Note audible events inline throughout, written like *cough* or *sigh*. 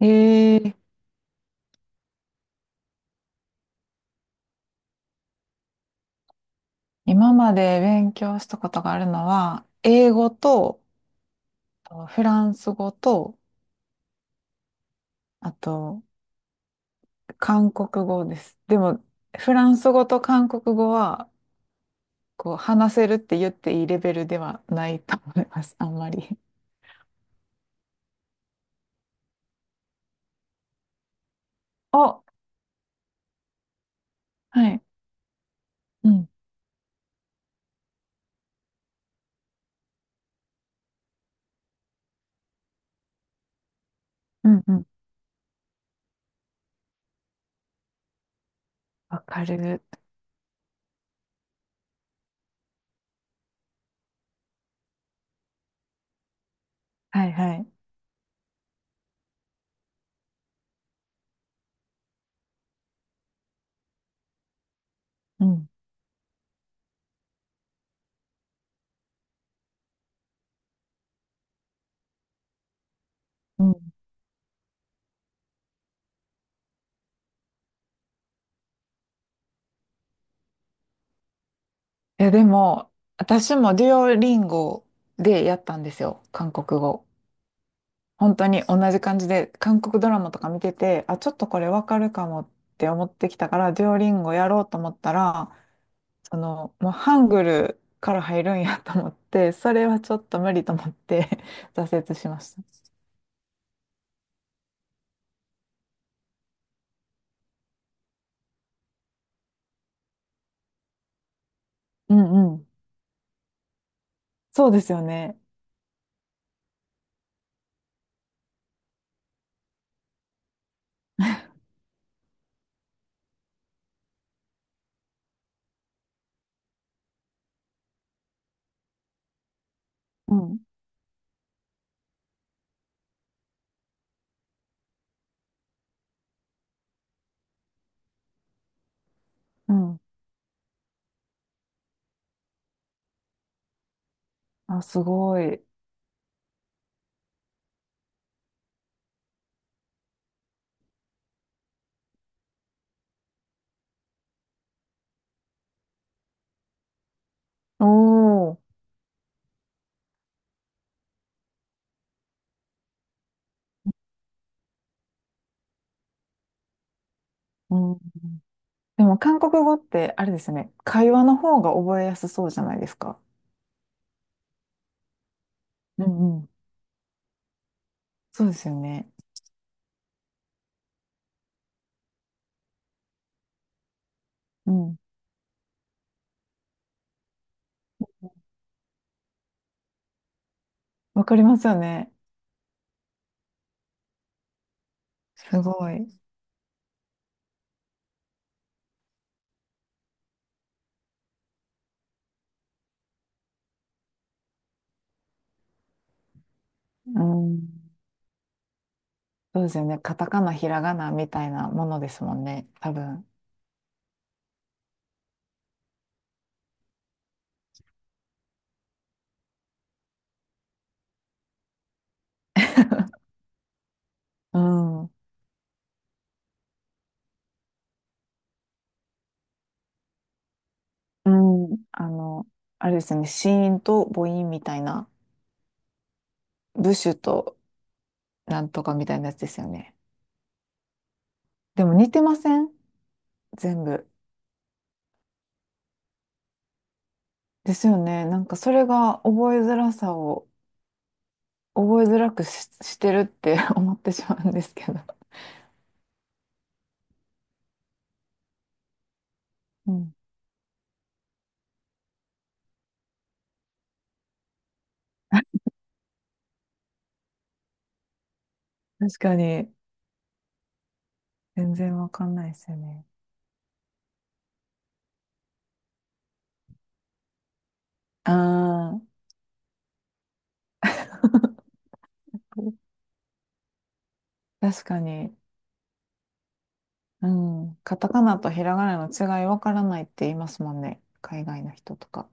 えー、今まで勉強したことがあるのは、英語と、フランス語と、あと、韓国語です。でも、フランス語と韓国語は、こう、話せるって言っていいレベルではないと思います、*laughs* あんまり。お、はい。うん。うんうん。わかる。はいはい。うん。うん。いや、でも、私もデュオリンゴでやったんですよ、韓国語。本当に同じ感じで、韓国ドラマとか見てて、あ、ちょっとこれわかるかもって思ってきたから、デュオリンゴやろうと思ったら、もうハングルから入るんやと思って、それはちょっと無理と思って *laughs* 挫折しました。うんうん。そうですよね。うん。うん。あ、すごい。おー。うん。でも韓国語ってあれですよね。会話の方が覚えやすそうじゃないですか。うんうん。そうですよね。うん。わかりますよね。すごい。うん。そうですよね。カタカナ、ひらがなみたいなものですもんね。多分。うん。うん。あれですよね。子音と母音みたいな。部首となんとかみたいなやつですよね。でも似てません全部。ですよね。なんかそれが覚えづらさを覚えづらくし、してるって *laughs* 思ってしまうんですけど。うん。確かに。全然わかんないですよね。ああ。*laughs* 確かに。うん。カタカナとひらがなの違いわからないって言いますもんね。海外の人とか。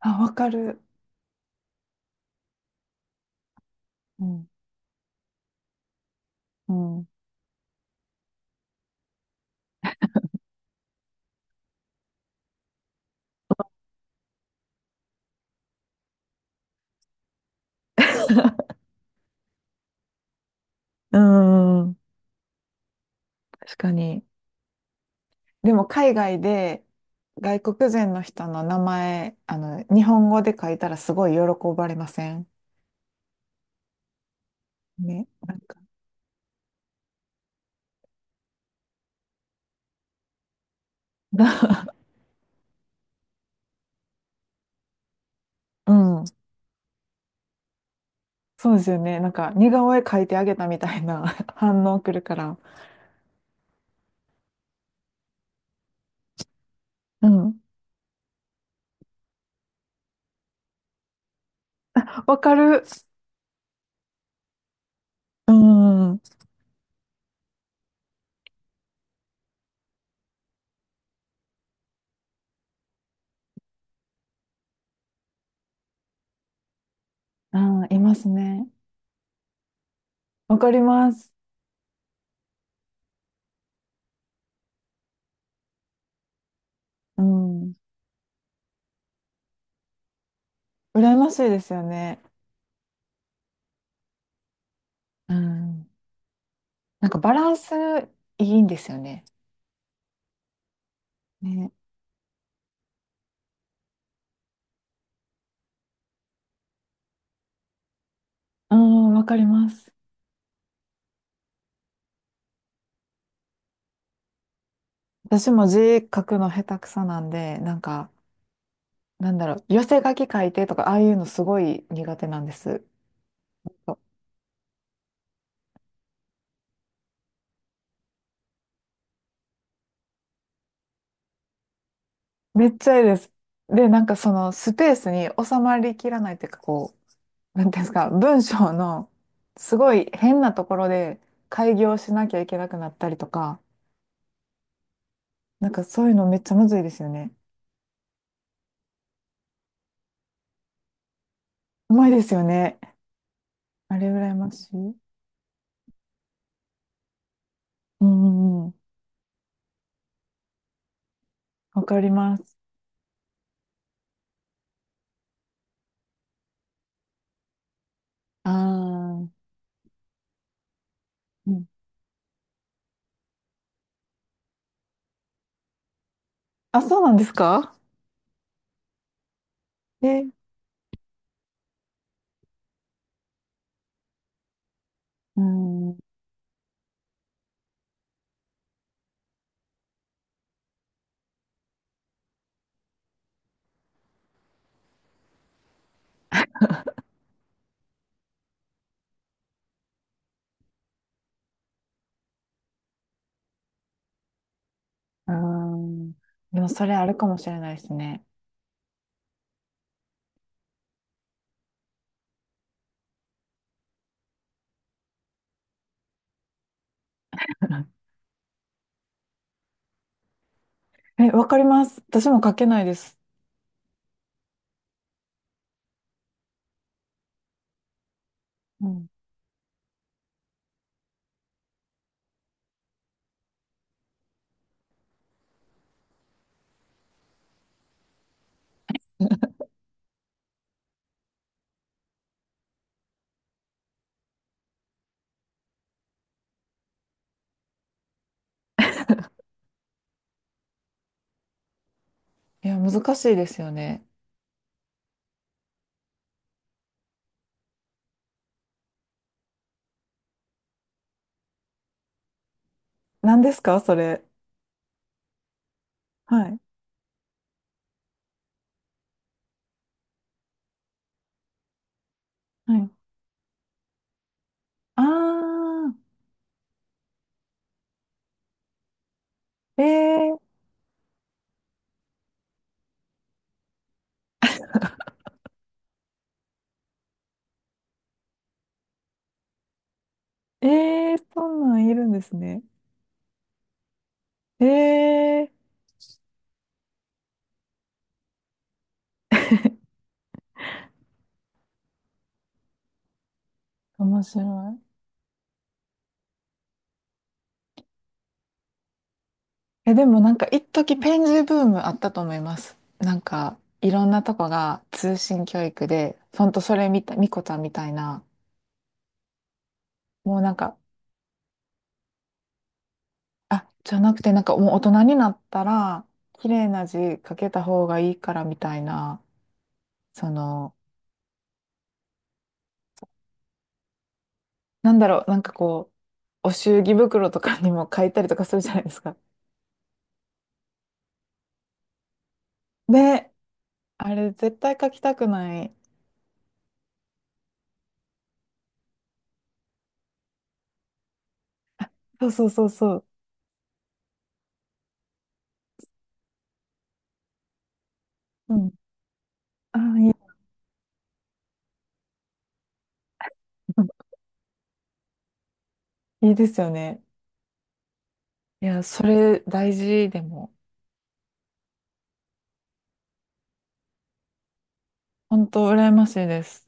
あ、わかる。うん。うん。うーん。確かに。でも海外で外国人の人の名前、日本語で書いたらすごい喜ばれませんね。なんか、*laughs* うん。そうですよね。なんか似顔絵描いてあげたみたいな *laughs* 反応くるから。うん。わかる。うん。あー、いますね。わかります。うん。羨ましいですよね。うん。なんかバランスいいんですよね。ね。うん、わかります。私も字書くの下手くそなんで、なんか、なんだろう、寄せ書き書いてとか、ああいうのすごい苦手なんです。めっちゃいいです。で、なんかそのスペースに収まりきらないっていうか、なんていうんですか、文章のすごい変なところで改行しなきゃいけなくなったりとか、なんかそういうのめっちゃむずいですよね。うまいですよね。あれ羨ましい。うんうん、わかります。ああ、うん、あ、そうなんですか。え、うん、あー。でもそれあるかもしれないですね。*laughs* え、わかります。私も書けないです。うん。いや、難しいですよね。何ですかそれ。はい。はい。ああ、えー、えー、そんなんいるんですね。えー、面白い。え、でもなんか一時ペン字ブームあったと思います。なんかいろんなとこが通信教育で、ほんとそれみたい、みこちゃんみたいな、もうなんか、あ、じゃなくてなんかもう大人になったら、綺麗な字書けた方がいいからみたいな、その、なんだろう、なんか、お祝儀袋とかにも書いたりとかするじゃないですか。で、あれ絶対書きたくない。そうそうそうそう。うん。ああ、いいですよね。いや、それ大事でも。本当羨ましいです。